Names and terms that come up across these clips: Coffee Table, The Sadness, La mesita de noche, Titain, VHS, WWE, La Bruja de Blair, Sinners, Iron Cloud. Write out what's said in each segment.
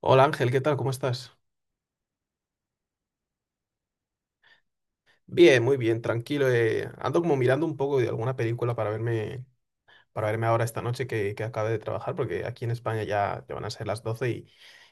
Hola Ángel, ¿qué tal? ¿Cómo estás? Bien, muy bien, tranquilo. Ando como mirando un poco de alguna película para verme ahora esta noche que acabe de trabajar, porque aquí en España ya van a ser las 12 y,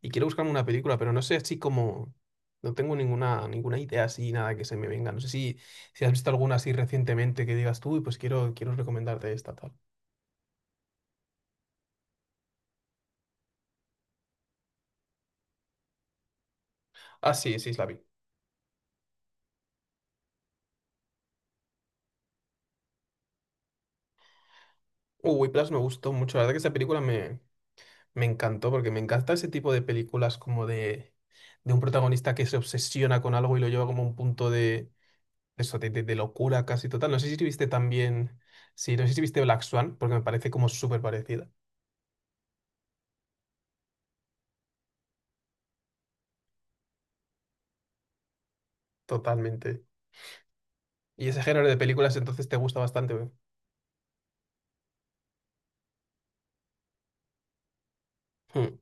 y quiero buscarme una película, pero no sé así como. No tengo ninguna idea así, nada que se me venga. No sé si has visto alguna así recientemente que digas tú, y pues quiero recomendarte esta tal. Ah, sí, sí, la vi. Uy, Plus me gustó mucho. La verdad que esa película me encantó, porque me encanta ese tipo de películas como de un protagonista que se obsesiona con algo y lo lleva como a un punto de eso, de locura casi total. No sé si viste también. Sí, no sé si viste Black Swan, porque me parece como súper parecida, totalmente. Y ese género de películas entonces te gusta bastante, ¿ve? Hmm.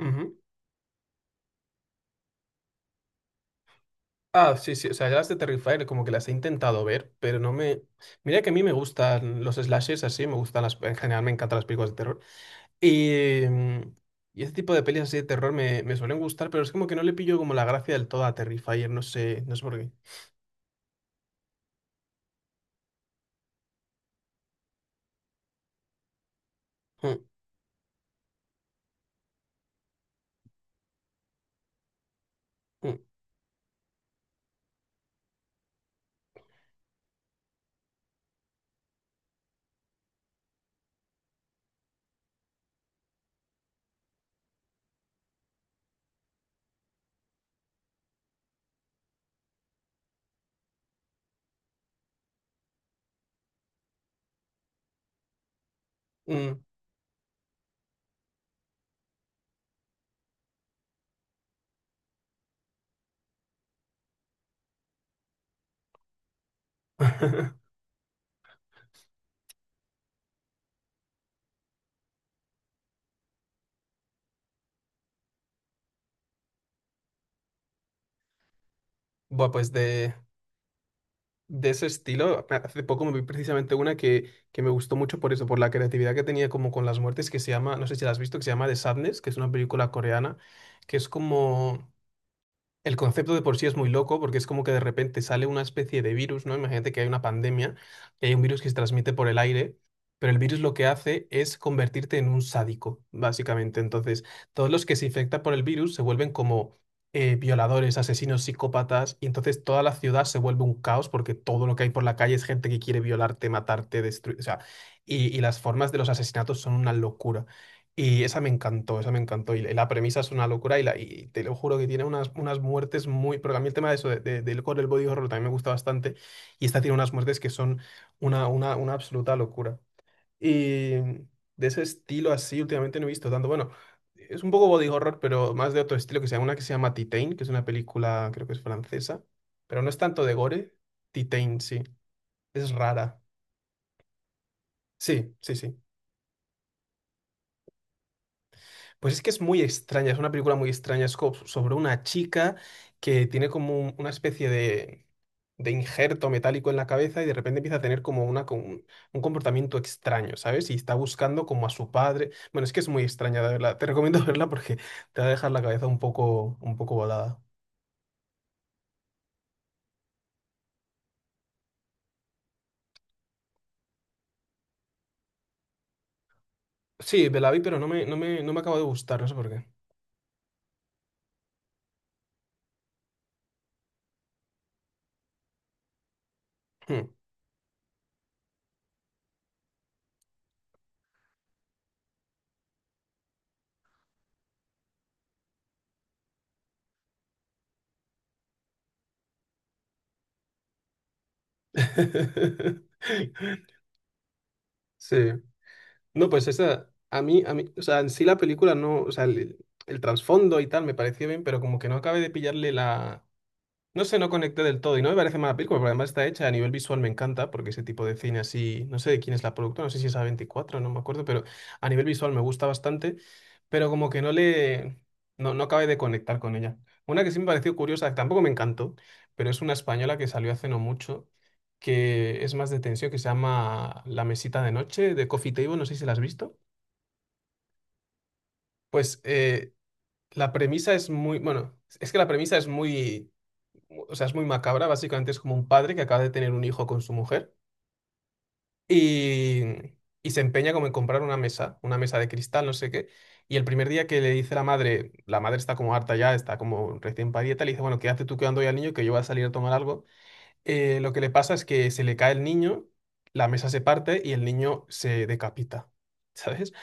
Ujú. Ah, sí, sí, o sea, ya las de Terrifier como que las he intentado ver, pero no me... Mira que a mí me gustan los slashers así, me gustan las... En general me encantan las películas de terror. Y, mm, y ese tipo de pelis así de terror me suelen gustar, pero es como que no le pillo como la gracia del todo a Terrifier, no sé, no sé por qué. Mm, mm, mm. Buah, pues de ese estilo, hace poco me vi precisamente una que me gustó mucho por eso, por la creatividad que tenía como con las muertes, que se llama, no sé si la has visto, que se llama The Sadness, que es una película coreana, que es como... El concepto de por sí es muy loco porque es como que de repente sale una especie de virus, ¿no? Imagínate que hay una pandemia y hay un virus que se transmite por el aire, pero el virus lo que hace es convertirte en un sádico, básicamente. Entonces, todos los que se infectan por el virus se vuelven como violadores, asesinos, psicópatas, y entonces toda la ciudad se vuelve un caos porque todo lo que hay por la calle es gente que quiere violarte, matarte, destruir, o sea, y las formas de los asesinatos son una locura. Y esa me encantó, esa me encantó. Y la premisa es una locura y, la, y te lo juro que tiene unas muertes muy... Porque a mí el tema de eso, del core, el body horror, también me gusta bastante. Y esta tiene unas muertes que son una absoluta locura. Y de ese estilo así últimamente no he visto tanto. Bueno, es un poco body horror, pero más de otro estilo que se llama una que se llama Titain, que es una película, creo que es francesa. Pero no es tanto de gore. Titain, sí. Es rara. Sí, sí, sí. Pues es que es muy extraña, es una película muy extraña, sobre una chica que tiene como una especie de injerto metálico en la cabeza y de repente empieza a tener como un comportamiento extraño, ¿sabes? Y está buscando como a su padre. Bueno, es que es muy extraña, de verdad. Te recomiendo verla porque te va a dejar la cabeza un poco volada. Sí, me la vi, pero no me acaba de gustar, no sé por qué. Hmm. Sí. No, pues esa, a mí, o sea, en sí la película no, o sea, el trasfondo y tal me pareció bien, pero como que no acabé de pillarle la, no sé, no conecté del todo y no me parece mala película, porque además está hecha a nivel visual, me encanta, porque ese tipo de cine así, no sé de quién es la productora, no sé si es a veinticuatro no me acuerdo, pero a nivel visual me gusta bastante, pero como que no le, no acabé de conectar con ella. Una que sí me pareció curiosa, que tampoco me encantó, pero es una española que salió hace no mucho, que es más de tensión, que se llama La Mesita de Noche, de Coffee Table, no sé si la has visto. Pues la premisa es muy, bueno, es que la premisa es muy, o sea, es muy macabra, básicamente es como un padre que acaba de tener un hijo con su mujer y, y se empeña como en comprar una mesa de cristal, no sé qué. Y el primer día que le dice la madre está como harta ya, está como recién parida le dice, bueno, quédate tú quedando hoy al niño que yo voy a salir a tomar algo. Lo que le pasa es que se le cae el niño, la mesa se parte y el niño se decapita, ¿sabes?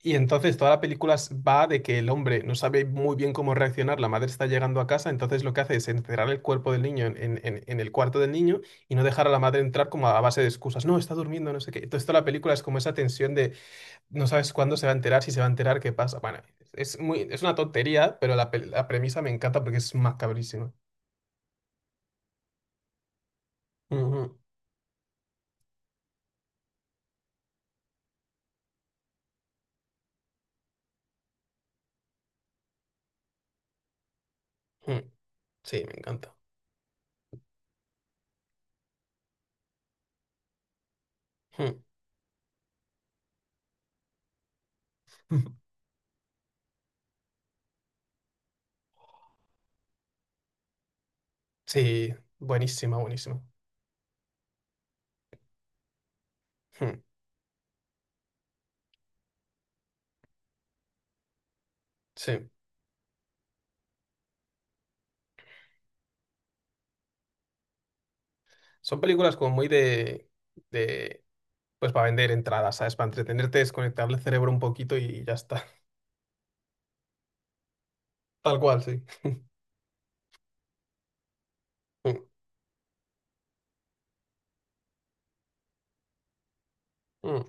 Y entonces toda la película va de que el hombre no sabe muy bien cómo reaccionar, la madre está llegando a casa, entonces lo que hace es encerrar el cuerpo del niño en el cuarto del niño y no dejar a la madre entrar como a base de excusas, no, está durmiendo, no sé qué. Entonces toda la película es como esa tensión de no sabes cuándo se va a enterar, si se va a enterar, qué pasa. Bueno, es muy, es una tontería, pero la premisa me encanta porque es macabrísima. Ujú, ujú. Sí, me encanta. Ujú. Sí, buenísima, buenísima. Ujú. Sí, son películas como muy de... de... Pues para vender entradas, ¿sabes? Para entretenerte, desconectar el cerebro un poquito y ya está. Tal cual, sí. Mm, mm.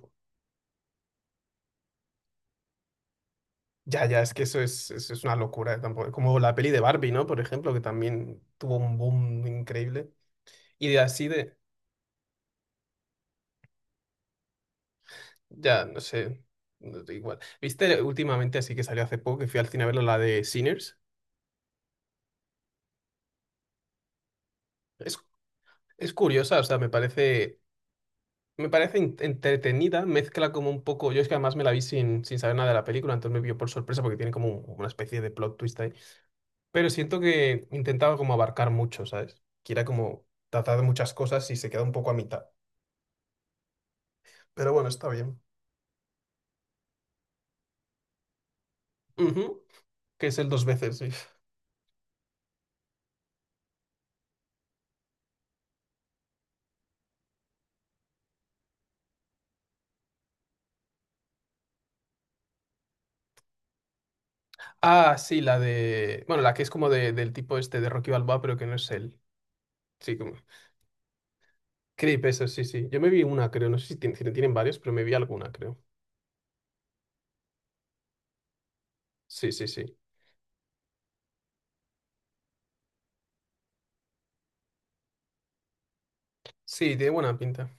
Ya, ya, es que eso es una locura, tampoco. Como la peli de Barbie, ¿no? Por ejemplo, que también tuvo un boom increíble. Y de así de. Ya, no sé. No da igual. ¿Viste últimamente, así que salió hace poco, que fui al cine a verlo, la de Sinners? Es, es curiosa, o sea, me parece. Me parece entretenida, mezcla como un poco. Yo es que además me la vi sin saber nada de la película, entonces me vio por sorpresa porque tiene como una especie de plot twist ahí. Pero siento que intentaba como abarcar mucho, ¿sabes? Que era como tratar de muchas cosas y se queda un poco a mitad. Pero bueno, está bien. Ujú. Que es el dos veces, sí. Ah, sí, la de... Bueno, la que es como del tipo este de Rocky Balboa, pero que no es él. Sí, como... Creep, eso, sí, sí. Yo me vi una, creo. No sé si si no tienen varios, pero me vi alguna, creo. Sí, sí, sí. Sí, tiene buena pinta.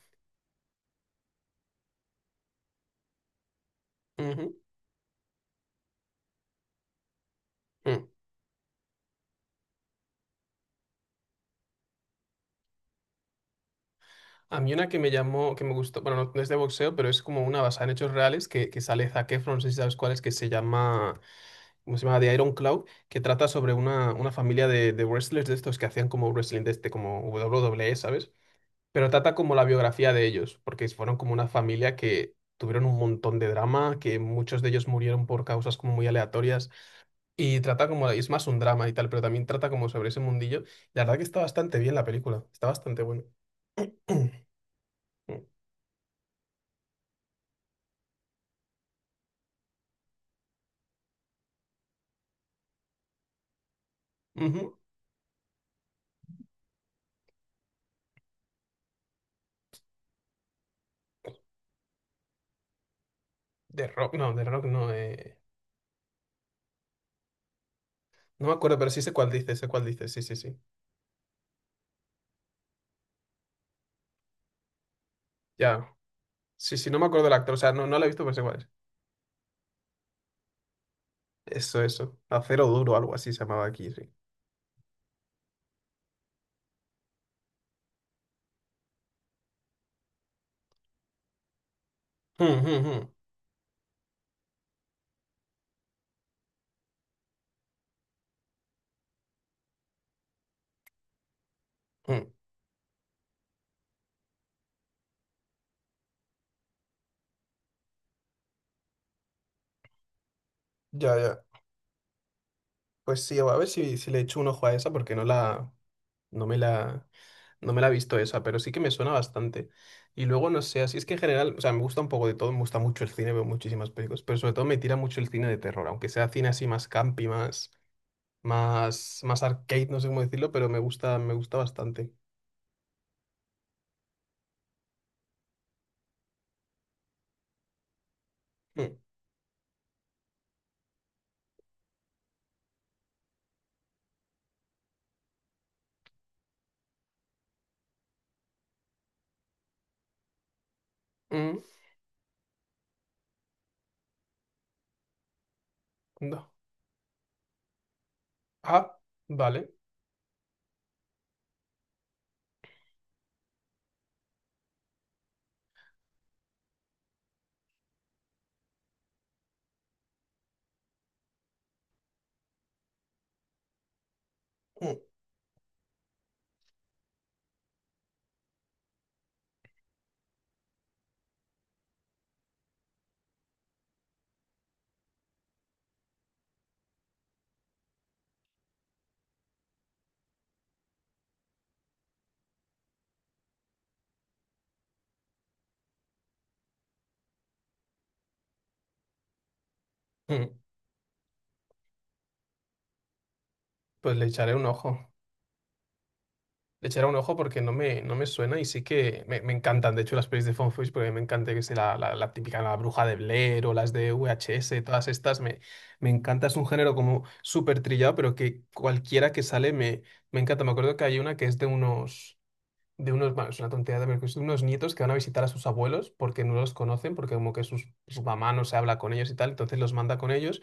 Ujú, mm. A mí una que me llamó, que me gustó, bueno, no, no es de boxeo, pero es como una basada en hechos reales que sale Zac Efron, no sé si sabes cuál es, que se llama... ¿Cómo se llama? De Iron Cloud, que trata sobre una familia de wrestlers de estos que hacían como wrestling de este, como W W WWE, ¿sabes? Pero trata como la biografía de ellos, porque fueron como una familia que tuvieron un montón de drama, que muchos de ellos murieron por causas como muy aleatorias, y trata como, es más un drama y tal, pero también trata como sobre ese mundillo. La verdad que está bastante bien la película, está bastante bueno. Ujú. De Rock no, no me acuerdo, pero sí sé cuál dice, sí, sí, sí. Ya, sí, sí, no me acuerdo del actor, o sea, no, no la he visto, pero sé cuál es. Eso, eso. Acero Duro, algo así se llamaba aquí, sí. Mm, mm, mm, mm. Ya, ya. Pues sí, a ver si, si le echo un ojo a esa porque no me la, no me la he visto esa, pero sí que me suena bastante. Y luego, no sé, así es que en general, o sea, me gusta un poco de todo, me gusta mucho el cine, veo muchísimas películas, pero sobre todo me tira mucho el cine de terror, aunque sea cine así más campi, más arcade, no sé cómo decirlo, pero me gusta bastante. Mm, mm, no. Ah, vale. Mm, mm. Pues le echaré un ojo. Le echaré un ojo porque no me suena y sí que me encantan, de hecho, las pelis de Found Footage porque me encanta que sea la típica La Bruja de Blair o las de VHS, todas estas, me encanta, es un género como súper trillado, pero que cualquiera que sale me encanta. Me acuerdo que hay una que es de unos, bueno, es una tontería de ver, que es de unos nietos que van a visitar a sus abuelos porque no los conocen, porque como que sus, su mamá no se habla con ellos y tal, entonces los manda con ellos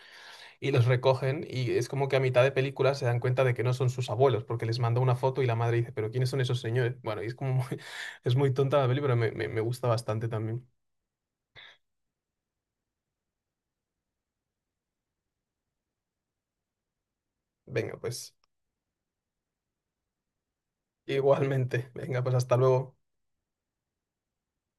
y los recogen y es como que a mitad de película se dan cuenta de que no son sus abuelos porque les manda una foto y la madre dice, pero ¿quiénes son esos señores? Bueno, y es como muy- es muy tonta la peli, pero me gusta bastante también. Venga, pues igualmente. Venga, pues hasta luego.